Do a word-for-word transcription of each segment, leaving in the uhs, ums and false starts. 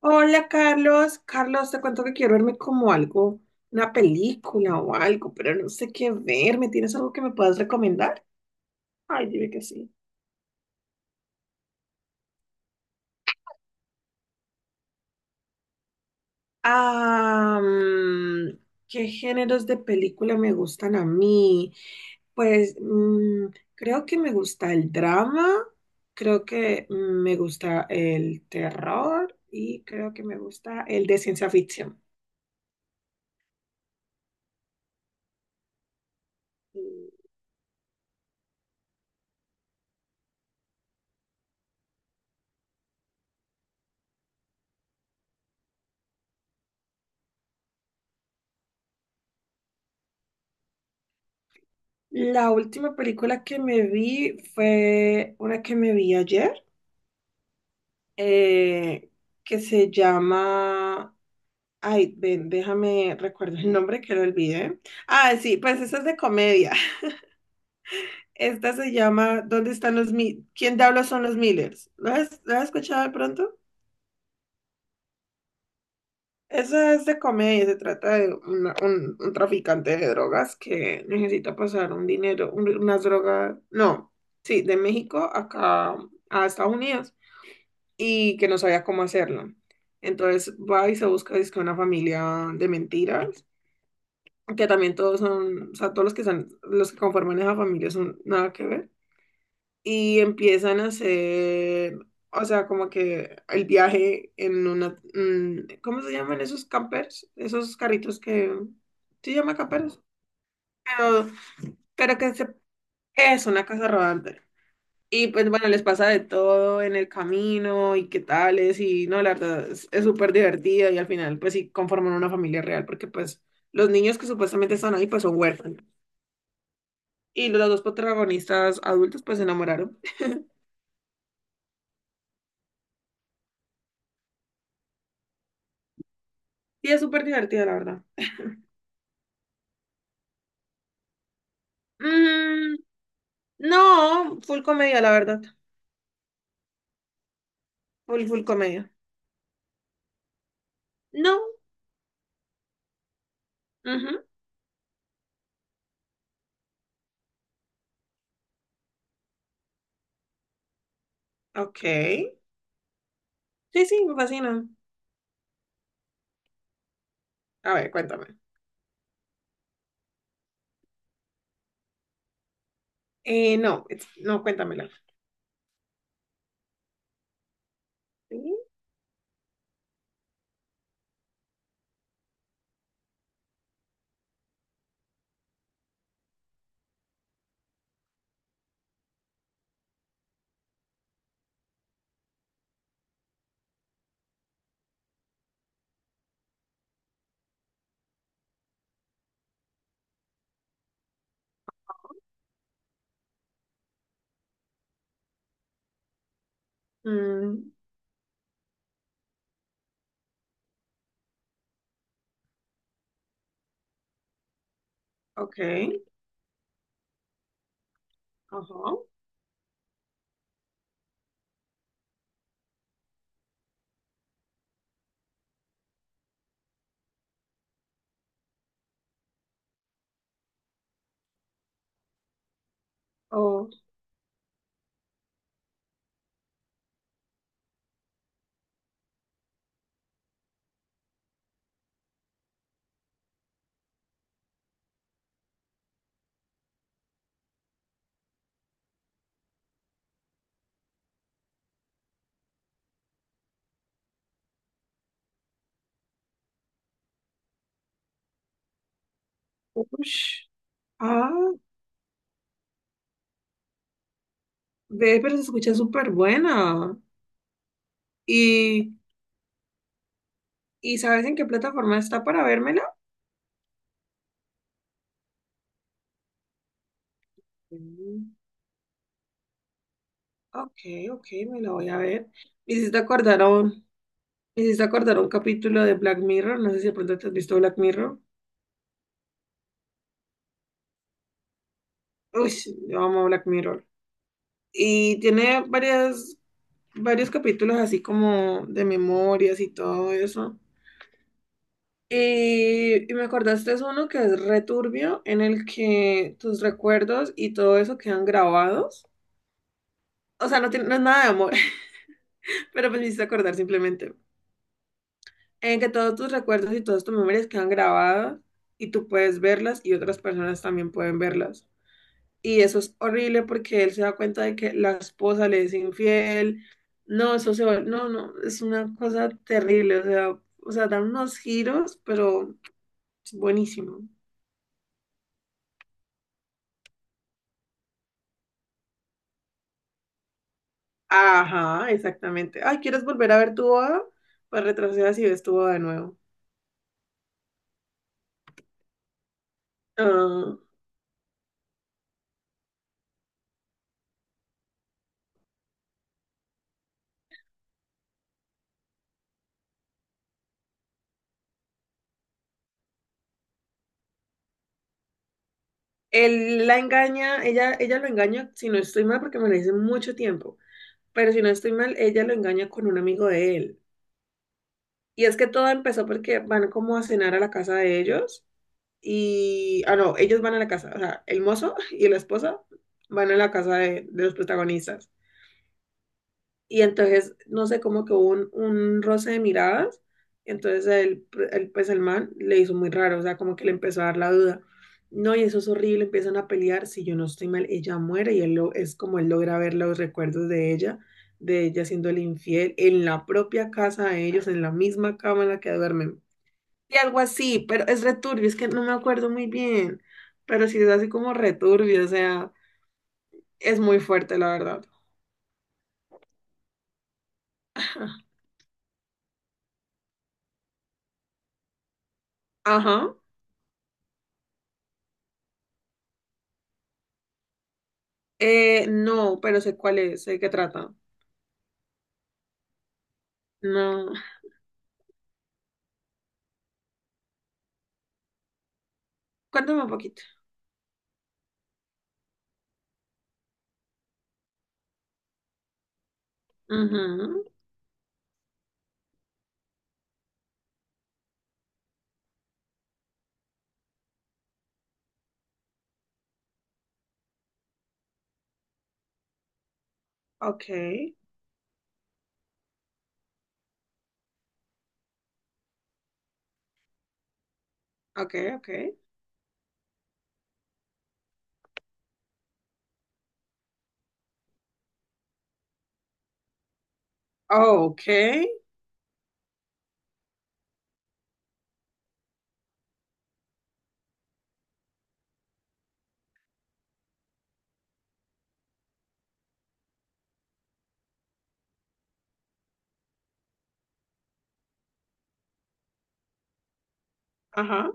Hola Carlos, Carlos, te cuento que quiero verme como algo, una película o algo, pero no sé qué verme. ¿Tienes algo que me puedas recomendar? Ay, dime que sí. Ah, mm, ¿Qué géneros de película me gustan a mí? Pues mm, creo que me gusta el drama, creo que me gusta el terror y creo que me gusta el de ciencia ficción. La última película que me vi fue una que me vi ayer, eh, que se llama... Ay, ven, déjame, recuerdo el nombre que lo olvidé. Ah, sí, pues esa es de comedia. Esta se llama ¿Dónde están los Mi... ¿Quién diablos son los Millers? ¿Lo has, lo has escuchado de pronto? Esa es de comedia, se trata de una- un, un traficante de drogas que necesita pasar un dinero, un- unas drogas, no, sí, de México acá a Estados Unidos, y que no sabía cómo hacerlo. Entonces va y se busca dizque una familia de mentiras, que también todos son, o sea, todos los que son, los que conforman esa familia son nada que ver. Y empiezan a hacer, o sea, como que el viaje en una, mm, ¿cómo se llaman esos campers? Esos carritos que, ¿sí? ¿Se llama camperos? Pero, pero que se- es una casa rodante. Y pues bueno, les pasa de todo en el camino y qué tales y no, la verdad es es súper divertida y al final pues sí conforman una familia real porque pues los niños que supuestamente están ahí pues son huérfanos y los dos protagonistas adultos pues se enamoraron. Y es súper divertida la verdad. Mm, no, full comedia la verdad, full full comedia. No, ujú, ok. Sí, sí, me fascina. A ver, cuéntame. Eh, no, es- no, cuéntamela. Sí, mm, ok, ajá. O- ush. Ah, ve, pero se escucha súper buena. ¿Y, y sabes en qué plataforma está para vérmela? Mm, ok, ok, me la voy a ver. Me hiciste acordar a un, me hiciste acordar a un capítulo de Black Mirror. No sé si de pronto te has visto Black Mirror. Uy, yo amo Black Mirror. Y tiene varias, varios capítulos así como de memorias y todo eso. Y, y me acordaste es uno que es returbio, en el que tus recuerdos y todo eso quedan grabados. O sea, no, tiene, no es nada de amor, pero pues me hiciste acordar simplemente. En que todos tus recuerdos y todas tus memorias quedan grabadas y tú puedes verlas y otras personas también pueden verlas. Y eso es horrible porque él se da cuenta de que la esposa le es infiel. No, eso se va- no, no, es una cosa terrible. O sea, o sea, dan unos giros, pero es buenísimo. Ajá, exactamente. Ay, ¿quieres volver a ver tu boda? Pues retrocedas y ves tu boda de nuevo. Ah, él la engaña, ella, ella lo engaña, si no estoy mal, porque me lo hice mucho tiempo, pero si no estoy mal, ella lo engaña con un amigo de él. Y es que todo empezó porque van como a cenar a la casa de ellos y, ah, no, ellos van a la casa, o sea, el mozo y la esposa van a la casa de, de los protagonistas. Y entonces, no sé, como que hubo un, un roce de miradas. Entonces, el, el, pues el man le hizo muy raro, o sea, como que le empezó a dar la duda. No, y eso es horrible, empiezan a pelear. Si yo no estoy mal, ella muere y él lo, es como él logra ver los recuerdos de ella, de ella siendo el infiel en la propia casa de ellos, en la misma cama en la que duermen. Y algo así, pero es returbio, es que no me acuerdo muy bien, pero sí es así como returbio, o sea, es muy fuerte, la verdad. Ajá. Eh, no, pero sé cuál es, sé de qué trata. No. Cuéntame un poquito. Ujú, ok, ok, ok. Oh, ok. Ajá.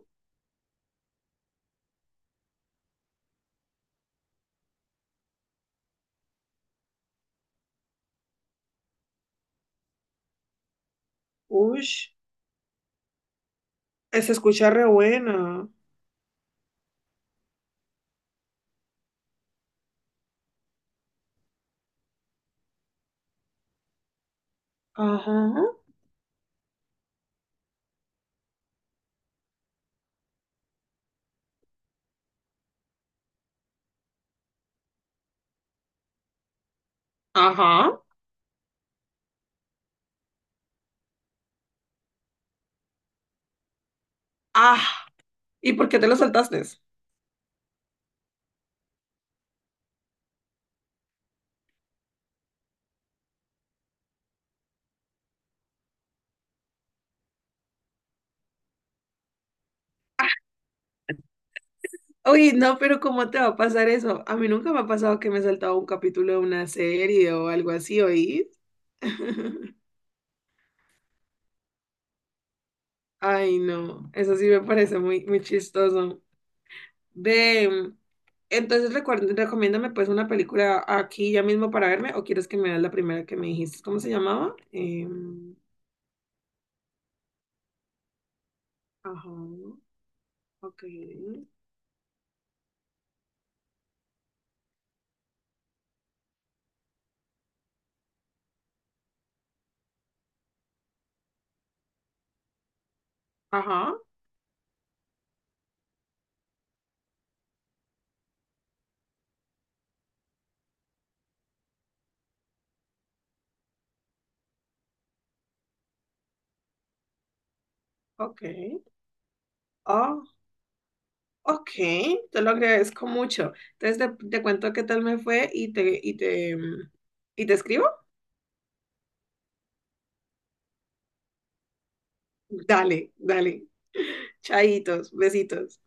Ush. eh, Se escucha re buena. Ajá. Ajá. Ah. ¿Y por qué te lo saltaste? Uy, no, pero ¿cómo te va a pasar eso? A mí nunca me ha pasado que me he saltado un capítulo de una serie o algo así, ¿oís? Ay, no, eso sí me parece muy, muy chistoso. De, mm, entonces recuer- recomiéndame pues una película aquí ya mismo para verme o quieres que me veas la primera que me dijiste. ¿Cómo se llamaba? Em, ajá, ok. Ajá, ok. Oh, ok. Te lo agradezco mucho. Entonces te, te cuento qué tal me fue y te, y te, em, y te escribo. Dale, dale. Chaitos, besitos.